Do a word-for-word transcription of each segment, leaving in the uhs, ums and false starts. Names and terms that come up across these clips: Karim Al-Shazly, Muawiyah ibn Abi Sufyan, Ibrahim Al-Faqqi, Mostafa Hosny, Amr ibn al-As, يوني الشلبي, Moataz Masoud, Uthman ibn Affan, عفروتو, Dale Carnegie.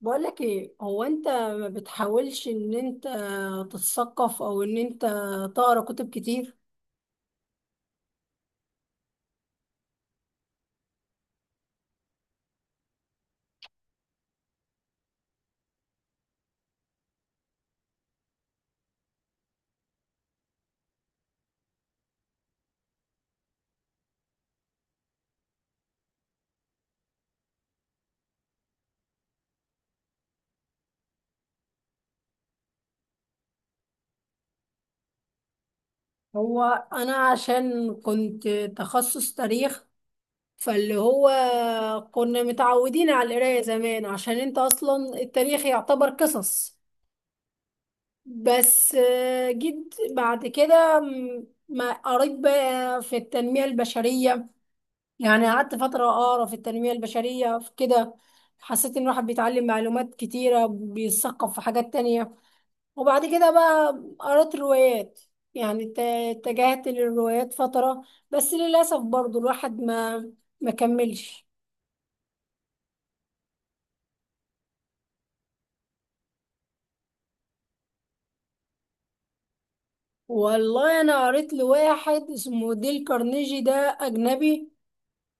بقولك ايه، هو انت ما بتحاولش ان انت تتثقف او ان انت تقرا كتب كتير؟ هو انا عشان كنت تخصص تاريخ، فاللي هو كنا متعودين على القراية زمان، عشان انت اصلا التاريخ يعتبر قصص. بس آه، جيت بعد كده م- ما قريت بقى في التنمية البشرية. يعني قعدت فترة أقرأ في التنمية البشرية في كده، حسيت إن الواحد بيتعلم معلومات كتيرة، بيتثقف في حاجات تانية. وبعد كده بقى قرأت روايات، يعني ات- اتجهت للروايات فترة. بس للأسف برضو الواحد ما ما كملش. والله أنا قريت لواحد اسمه ديل كارنيجي، ده أجنبي،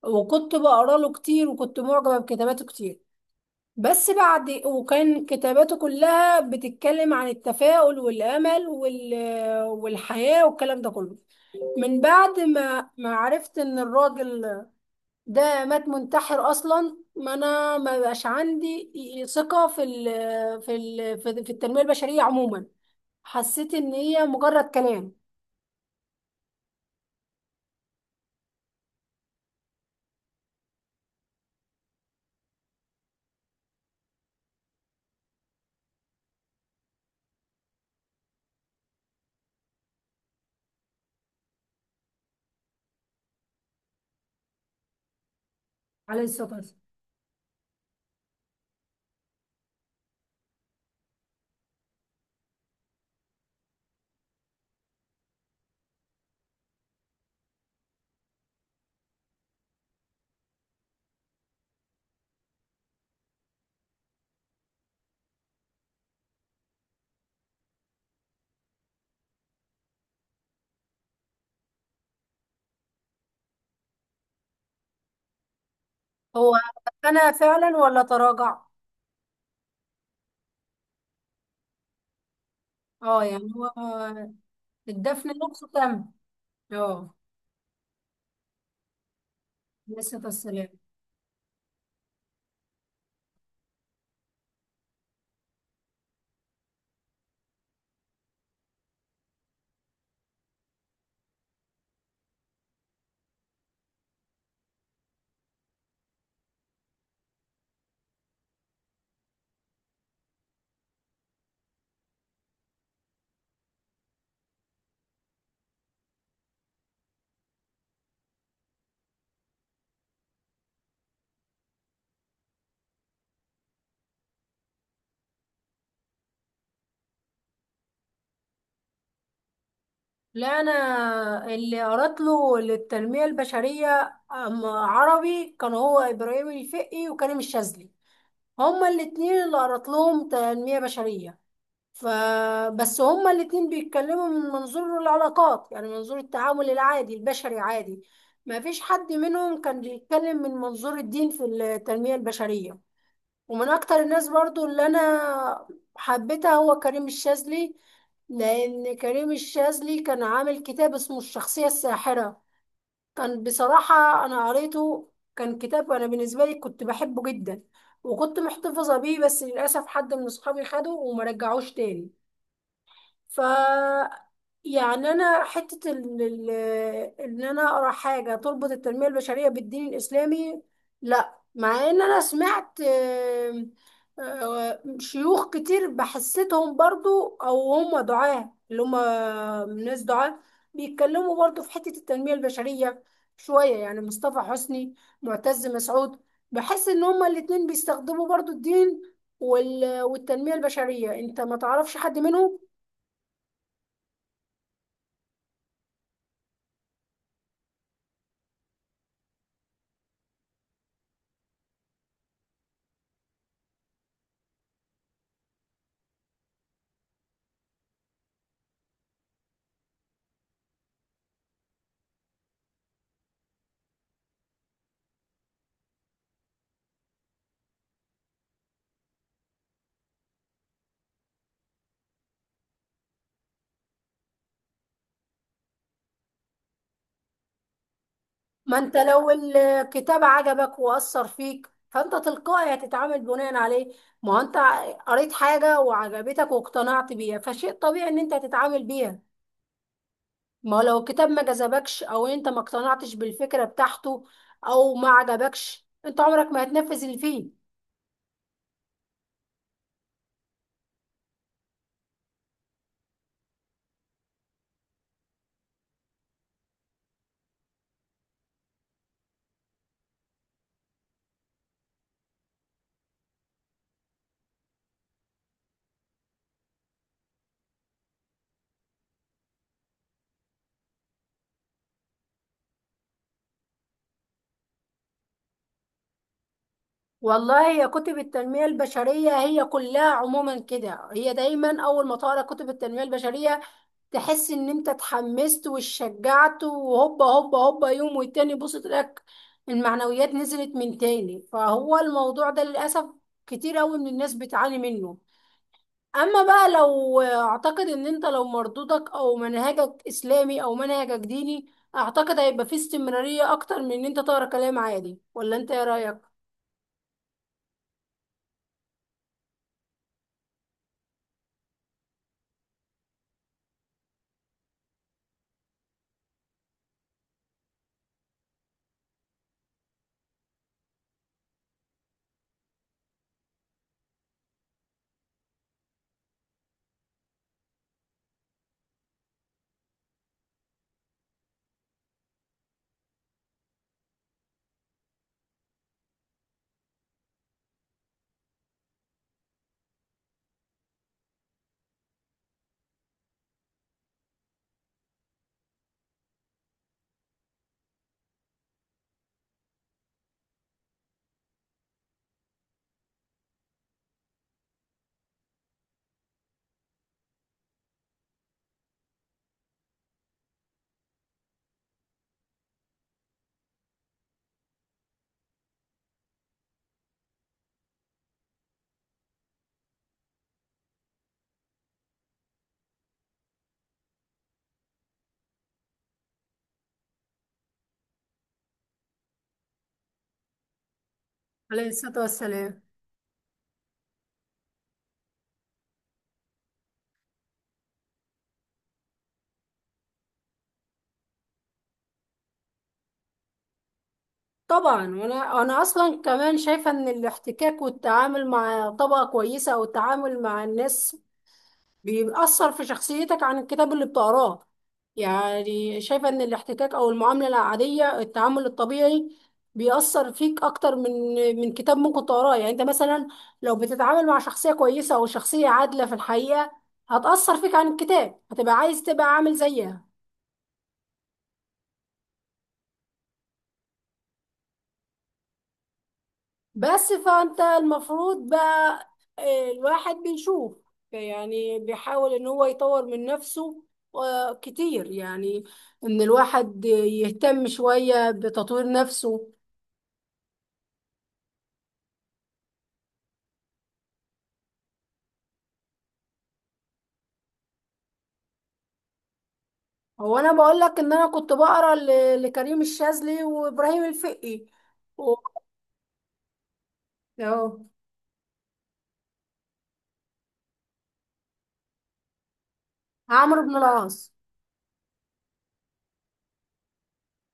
وكنت بقرأ له كتير، وكنت معجبة بكتاباته كتير. بس بعد، وكان كتاباته كلها بتتكلم عن التفاؤل والأمل وال... والحياة والكلام ده كله، من بعد ما ما عرفت إن الراجل ده مات منتحر أصلا، ما أنا ما بقاش عندي ثقة في ال... في ال... في في التنمية البشرية عموما. حسيت إن هي مجرد كلام. عليه الصلاة والسلام. هو أنا فعلا ولا تراجع. اه، يعني هو الدفن نفسه تم. اه. عليه الصلاة والسلام. لا، انا اللي قرأت له للتنميه البشريه أم- عربي، كان هو ابراهيم الفقي وكريم الشاذلي. هما الاتنين اللي قرأت لهم تنميه بشريه. فبس هما الاتنين بيتكلموا من منظور العلاقات، يعني منظور التعامل العادي البشري عادي. ما فيش حد منهم كان بيتكلم من منظور الدين في التنميه البشريه. ومن اكتر الناس برضو اللي انا حبيتها هو كريم الشاذلي، لان كريم الشاذلي كان عامل كتاب اسمه الشخصية الساحرة. كان بصراحة انا قريته، كان كتاب انا بالنسبة لي كنت بحبه جدا، وكنت محتفظة بيه. بس للأسف حد من اصحابي خده وما رجعوش تاني. ف يعني انا حته ال- ال- ان انا اقرا حاجه تربط التنميه البشريه بالدين الاسلامي، لا. مع ان انا سمعت آم، آه، شيوخ كتير بحسيتهم برضو، او هم دعاه، اللي هم ناس دعاه بيتكلموا برضو في حته التنميه البشريه شويه، يعني مصطفى حسني، معتز مسعود. بحس ان هما الاتنين بيستخدموا برضو الدين وال- والتنميه البشريه. انت ما تعرفش حد منهم؟ ما انت لو الكتاب عجبك واثر فيك، فانت تلقائي هتتعامل بناء عليه. ما هو انت قريت حاجه وعجبتك واقتنعت بيها، فشيء طبيعي ان انت تتعامل بيها. ما هو لو الكتاب ما جذبكش، او انت ما اقتنعتش بالفكره بتاعته، او ما عجبكش، انت عمرك ما هتنفذ اللي فيه. والله يا كتب التنميه البشريه هي كلها عموما كده، هي دايما اول ما تقرا كتب التنميه البشريه تحس ان انت اتحمست واتشجعت، وهوبا هوبا هوبا، يوم والتاني بص تلاقيك المعنويات نزلت من تاني. فهو الموضوع ده للأسف كتير قوي من الناس بتعاني منه. اما بقى لو، اعتقد ان انت لو مردودك او منهجك اسلامي او منهجك ديني، اعتقد هيبقى فيه استمرارية اكتر من ان انت تقرا كلام عادي. ولا انت ايه رأيك؟ عليه الصلاة والسلام. طبعا، وانا انا اصلا كمان شايفه ان الاحتكاك والتعامل مع طبقه كويسه، او التعامل مع الناس، بيأثر في شخصيتك عن الكتاب اللي بتقراه. يعني شايفة ان الاحتكاك او المعاملة العادية، التعامل الطبيعي، بيأثر فيك اكتر من من كتاب ممكن تقراه. يعني انت مثلا لو بتتعامل مع شخصية كويسة او شخصية عادلة في الحقيقة، هتأثر فيك عن الكتاب، هتبقى عايز تبقى عامل زيها. بس فانت المفروض بقى، آه، الواحد بيشوف، يعني بيحاول ان هو يطور من نفسه آه، كتير، يعني ان الواحد يهتم شوية بتطوير نفسه. هو انا بقول لك ان انا كنت بقرا ل- لكريم الشاذلي وابراهيم الفقي و- اهو. عمرو بن العاص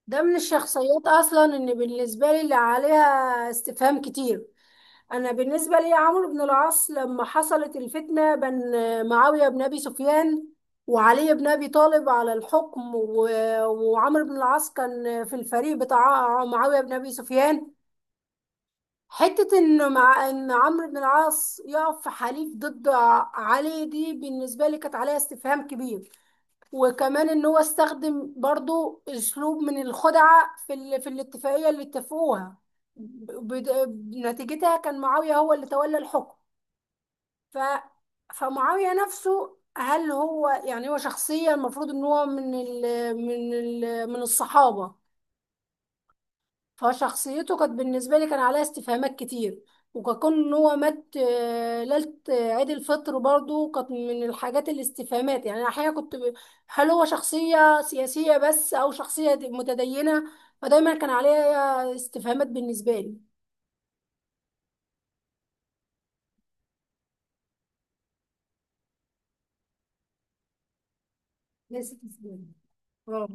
ده من الشخصيات اصلا ان بالنسبة لي اللي عليها استفهام كتير. انا بالنسبه لي عمرو بن العاص لما حصلت الفتنه بين معاويه بن ابي سفيان وعلي بن ابي طالب على الحكم، و- وعمرو بن العاص كان في الفريق بتاع معاويه بن ابي سفيان. حته ان مع ان عمرو بن العاص يقف في حليف ضد ع- علي، دي بالنسبه لي كانت عليها استفهام كبير. وكمان ان هو استخدم برضو اسلوب من الخدعه في ال- في الاتفاقيه اللي اتفقوها، ب- بد- نتيجتها كان معاويه هو اللي تولى الحكم. ف فمعاوية نفسه، هل هو يعني هو شخصية المفروض ان هو من ال من ال من الصحابة. فشخصيته كانت بالنسبة لي كان عليها استفهامات كتير. وكون ان هو مات آه، ليلة آه، عيد الفطر برضو كانت من الحاجات الاستفهامات، يعني أنا احيانا كنت ب... هل هو شخصية سياسية بس او شخصية متدينة؟ فدايما كان عليها استفهامات بالنسبة لي. ليست اسلام. اه.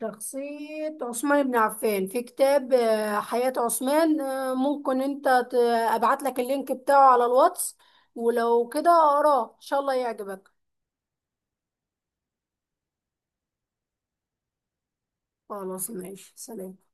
شخصية عثمان بن عفان في كتاب آه، حياة عثمان، آه، ممكن انت ت- ابعت لك اللينك بتاعه على الواتس، ولو كده اقراه ان شاء الله يعجبك. خلاص ماشي، سلام.